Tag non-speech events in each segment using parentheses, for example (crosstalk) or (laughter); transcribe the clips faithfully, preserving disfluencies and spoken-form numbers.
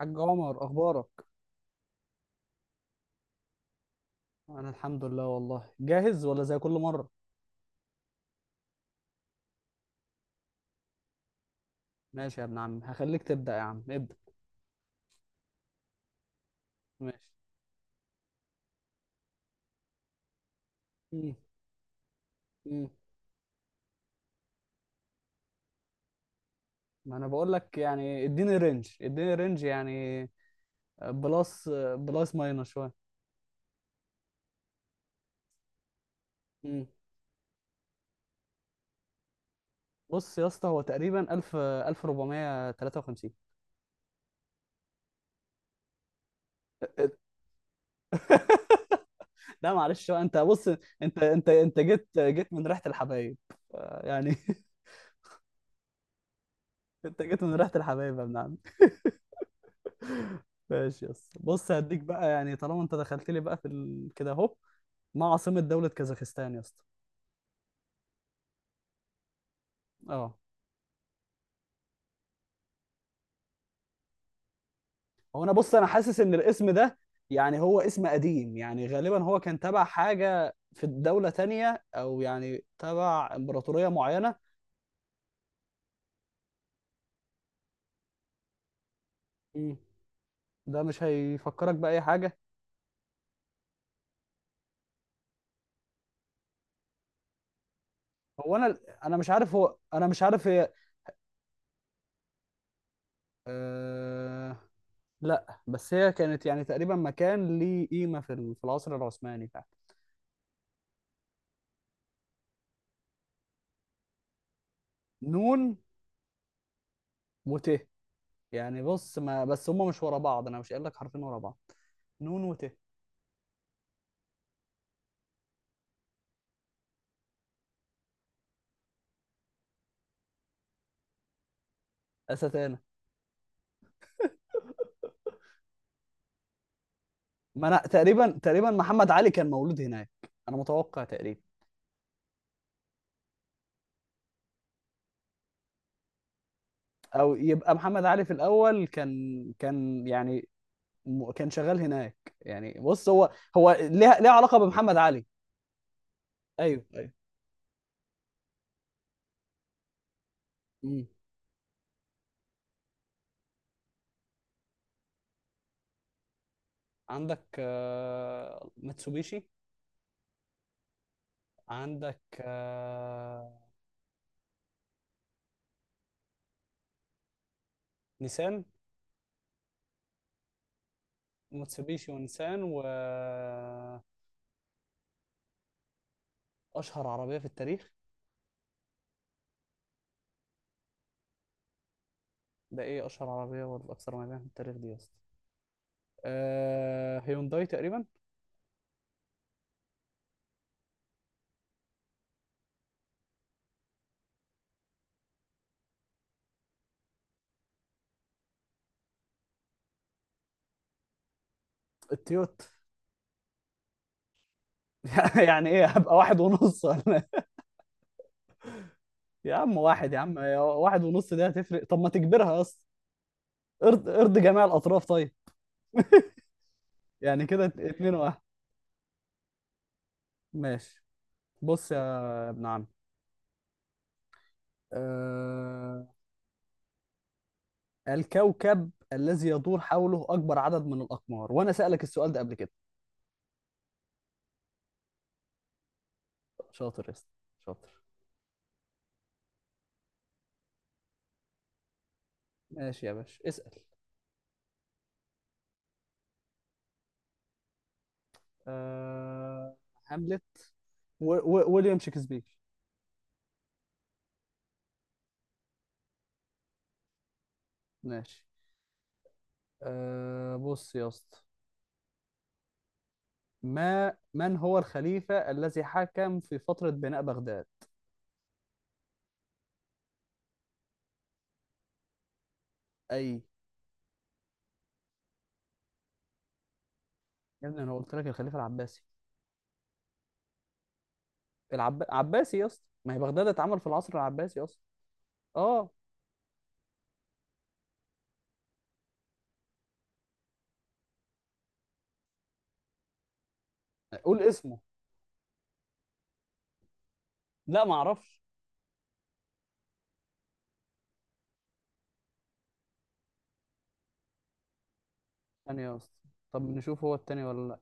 حاج عمر، اخبارك؟ انا الحمد لله، والله جاهز ولا زي كل مره؟ ماشي يا ابن عم هخليك تبدا. يا عم ابدا. ماشي. مم. مم. ما انا بقول لك يعني، اديني رينج، اديني رينج يعني. بلس. بلس ماينس شويه. مم. بص يا اسطى، هو تقريبا ألف ألف واربعمية وثلاثة وخمسين. لا معلش بقى، انت بص. انت انت انت جيت جيت من ريحه الحبايب. آه، يعني (laughs) انت جيت من ريحه الحبايب يا ابن عم. ماشي يا اسطى، بص هديك بقى يعني طالما انت دخلت لي بقى في ال... كده اهو. ما عاصمة دولة كازاخستان يا اسطى؟ اه. هو انا بص انا حاسس ان الاسم ده، يعني هو اسم قديم، يعني غالبا هو كان تبع حاجة في الدولة تانية، او يعني تبع امبراطورية معينة. مم. ده مش هيفكرك بأي حاجة؟ هو انا انا مش عارف، هو انا مش عارف هي. أه... لا بس هي كانت يعني تقريبا مكان ليه قيمة في ال- في العصر العثماني فعلا. نون. وت. يعني بص، ما بس هما مش ورا بعض، انا مش قايل لك حرفين ورا بعض. نون وت. أستانة. ما انا تقريبا تقريبا محمد علي كان مولود هناك. انا متوقع تقريبا. او يبقى محمد علي في الاول كان كان يعني، م- كان شغال هناك. يعني بص هو. هو ليه ليه علاقة بمحمد علي. ايوه ايوه. امم. عندك آه، ماتسوبيشي. عندك آه،. نيسان. ماتسوبيشي ونيسان و... اشهر عربية في التاريخ. ده ايه اشهر عربية والاكثر مبيعا في التاريخ دي يا اسطى؟ آه، هيونداي تقريبا. التويوتا. (laughs) يعني ايه، هبقى واحد ونص ولا؟ (laughs) يا عم واحد، يا عم يا واحد ونص دي هتفرق، طب ما تجبرها اصلا. ارض ارض جميع الاطراف طيب. يعني كده ات- اتنين واحد. ماشي. بص يا ابن عم. أه... الكوكب الذي يدور حوله اكبر عدد من الاقمار، وانا سألك السؤال ده قبل كده. شاطر يا اسطى، شاطر. ماشي يا باشا اسأل. أه... هاملت. و... و... ويليام شكسبير. ماشي. أه... بص يا اسطى. ما من هو الخليفة الذي حكم في فترة بناء بغداد؟ أي. يا ابني أنا قلت لك الخليفة العباسي. العب... عباسي يا اسطى، ما هي بغداد اتعمل في العصر العباسي أصلا. أه. قول اسمه. لا ما أعرفش. ثانية يا اسطى، طب نشوف هو التاني ولا لا.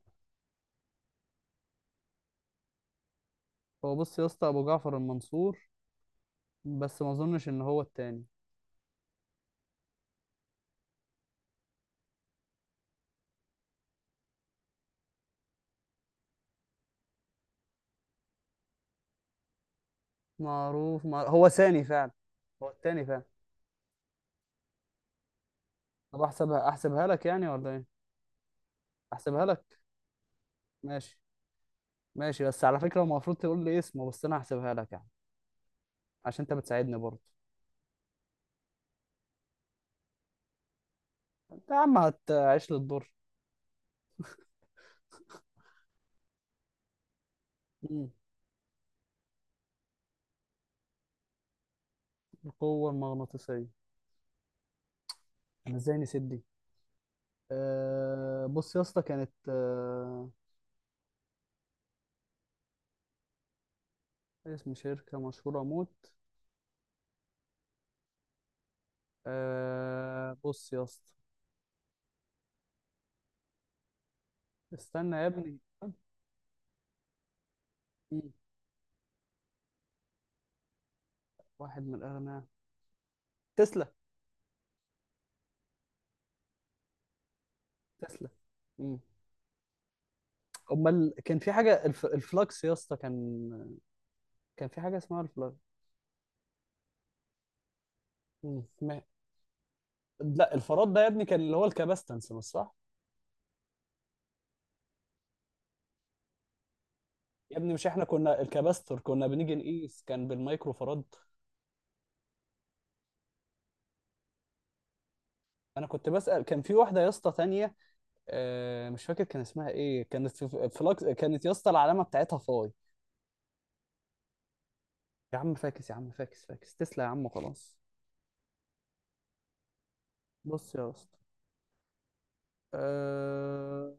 هو بص يا اسطى، أبو جعفر المنصور، بس ما أظنش إن هو التاني. معروف مع... هو ثاني فعلا. هو التاني فعلا. طب أحسبها أحسبها لك يعني ولا إيه؟ أحسبها لك. ماشي. ماشي، بس على فكرة المفروض تقول لي اسمه، بس أنا هحسبها لك يعني، عشان أنت بتساعدني برضه. انت يا عم هتعيش للدور. مم. القوة المغناطيسية، انا ازاي نسيت دي. أه بص يا اسطى، كانت أه، اسم شركة مشهورة موت. أه بص يا اسطى. استنى يا ابني. مم. واحد من الأغنياء. تسلا. تسلا. مم. امال كان في حاجة الف... الفلكس يا اسطى كان، كان في حاجة اسمها الفلكس. مم. ما... لا، الفراد ده يا ابني كان اللي هو الكباستنس مش صح. يا ابني، مش احنا كنا الكباستور كنا بنيجي نقيس كان بالمايكرو فراد. انا كنت بسأل، كان في واحده يا اسطى تانية آه، مش فاكر كان اسمها ايه، كانت في فلاكس، كانت يا اسطى العلامه بتاعتها فاي. يا عم فاكس يا عم، فاكس فاكس تسلا، يا عم خلاص. بص يا اسطى. أه...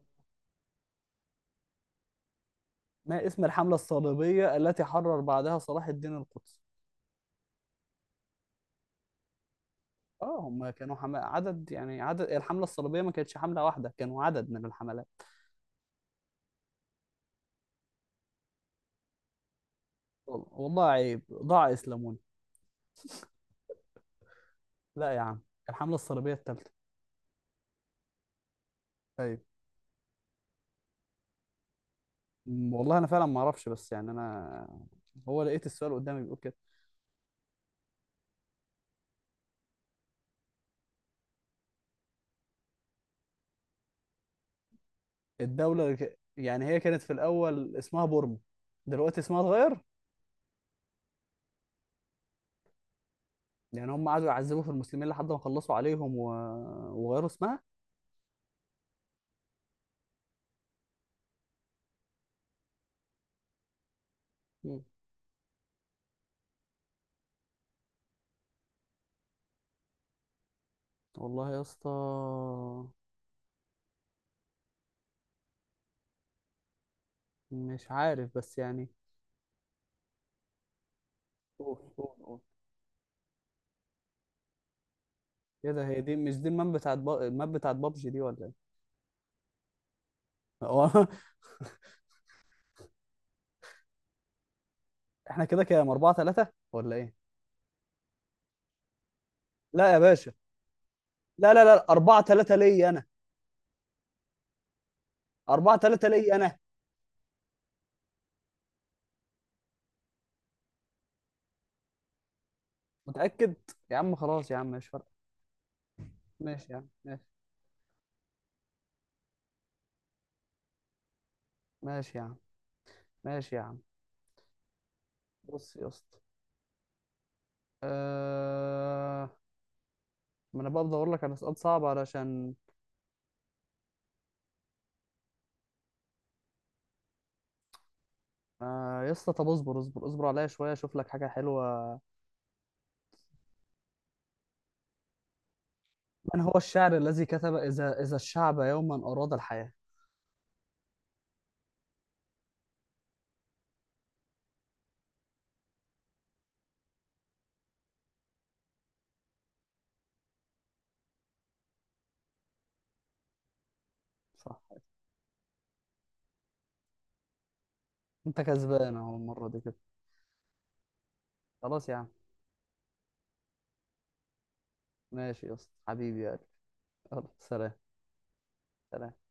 ما اسم الحمله الصليبيه التي حرر بعدها صلاح الدين القدسي؟ اه هم كانوا حم... عدد، يعني عدد الحمله الصليبيه ما كانتش حمله واحده، كانوا عدد من الحملات. وال- والله عيب، ضاع اسلاموني. لا يا عم، الحمله الصليبيه الثالثه. طيب والله انا فعلا ما اعرفش، بس يعني انا، هو لقيت السؤال قدامي بيقول كده. الدولة اللي ك- يعني هي كانت في الأول اسمها بورما، دلوقتي اسمها اتغير. يعني هم قعدوا يعذبوا في المسلمين لحد ما خلصوا عليهم و... وغيروا اسمها. مم. والله يا اسطى، مش عارف بس يعني. قول قول قول. ايه ده، هي دي مش دي الماب بتاعت ب... الماب بتاعت بابجي دي ولا ايه؟ هو. (laughs) احنا كده كام اربعة تلاتة ولا ايه؟ لا يا باشا. لا لا لا، اربعة تلاتة ليا انا. اربعة تلاتة ليا انا. متأكد؟ يا عم خلاص يا عم، مش فارقة. ماشي يا عم ماشي. ماشي يا عم ماشي. يا عم بص يا اسطى. أه... ما انا بقى بدور لك على سؤال صعب علشان. آه يا اسطى، طب اصبر اصبر اصبر عليا شويه اشوف لك حاجه حلوه. من هو الشاعر الذي كتب اذا اذا الشعب يوما اراد الحياه؟ صح. انت كسبان اهو المره دي كده. خلاص يا عم، ماشي يا اسطى حبيبي يا قلبي. يلا سلام. سلام.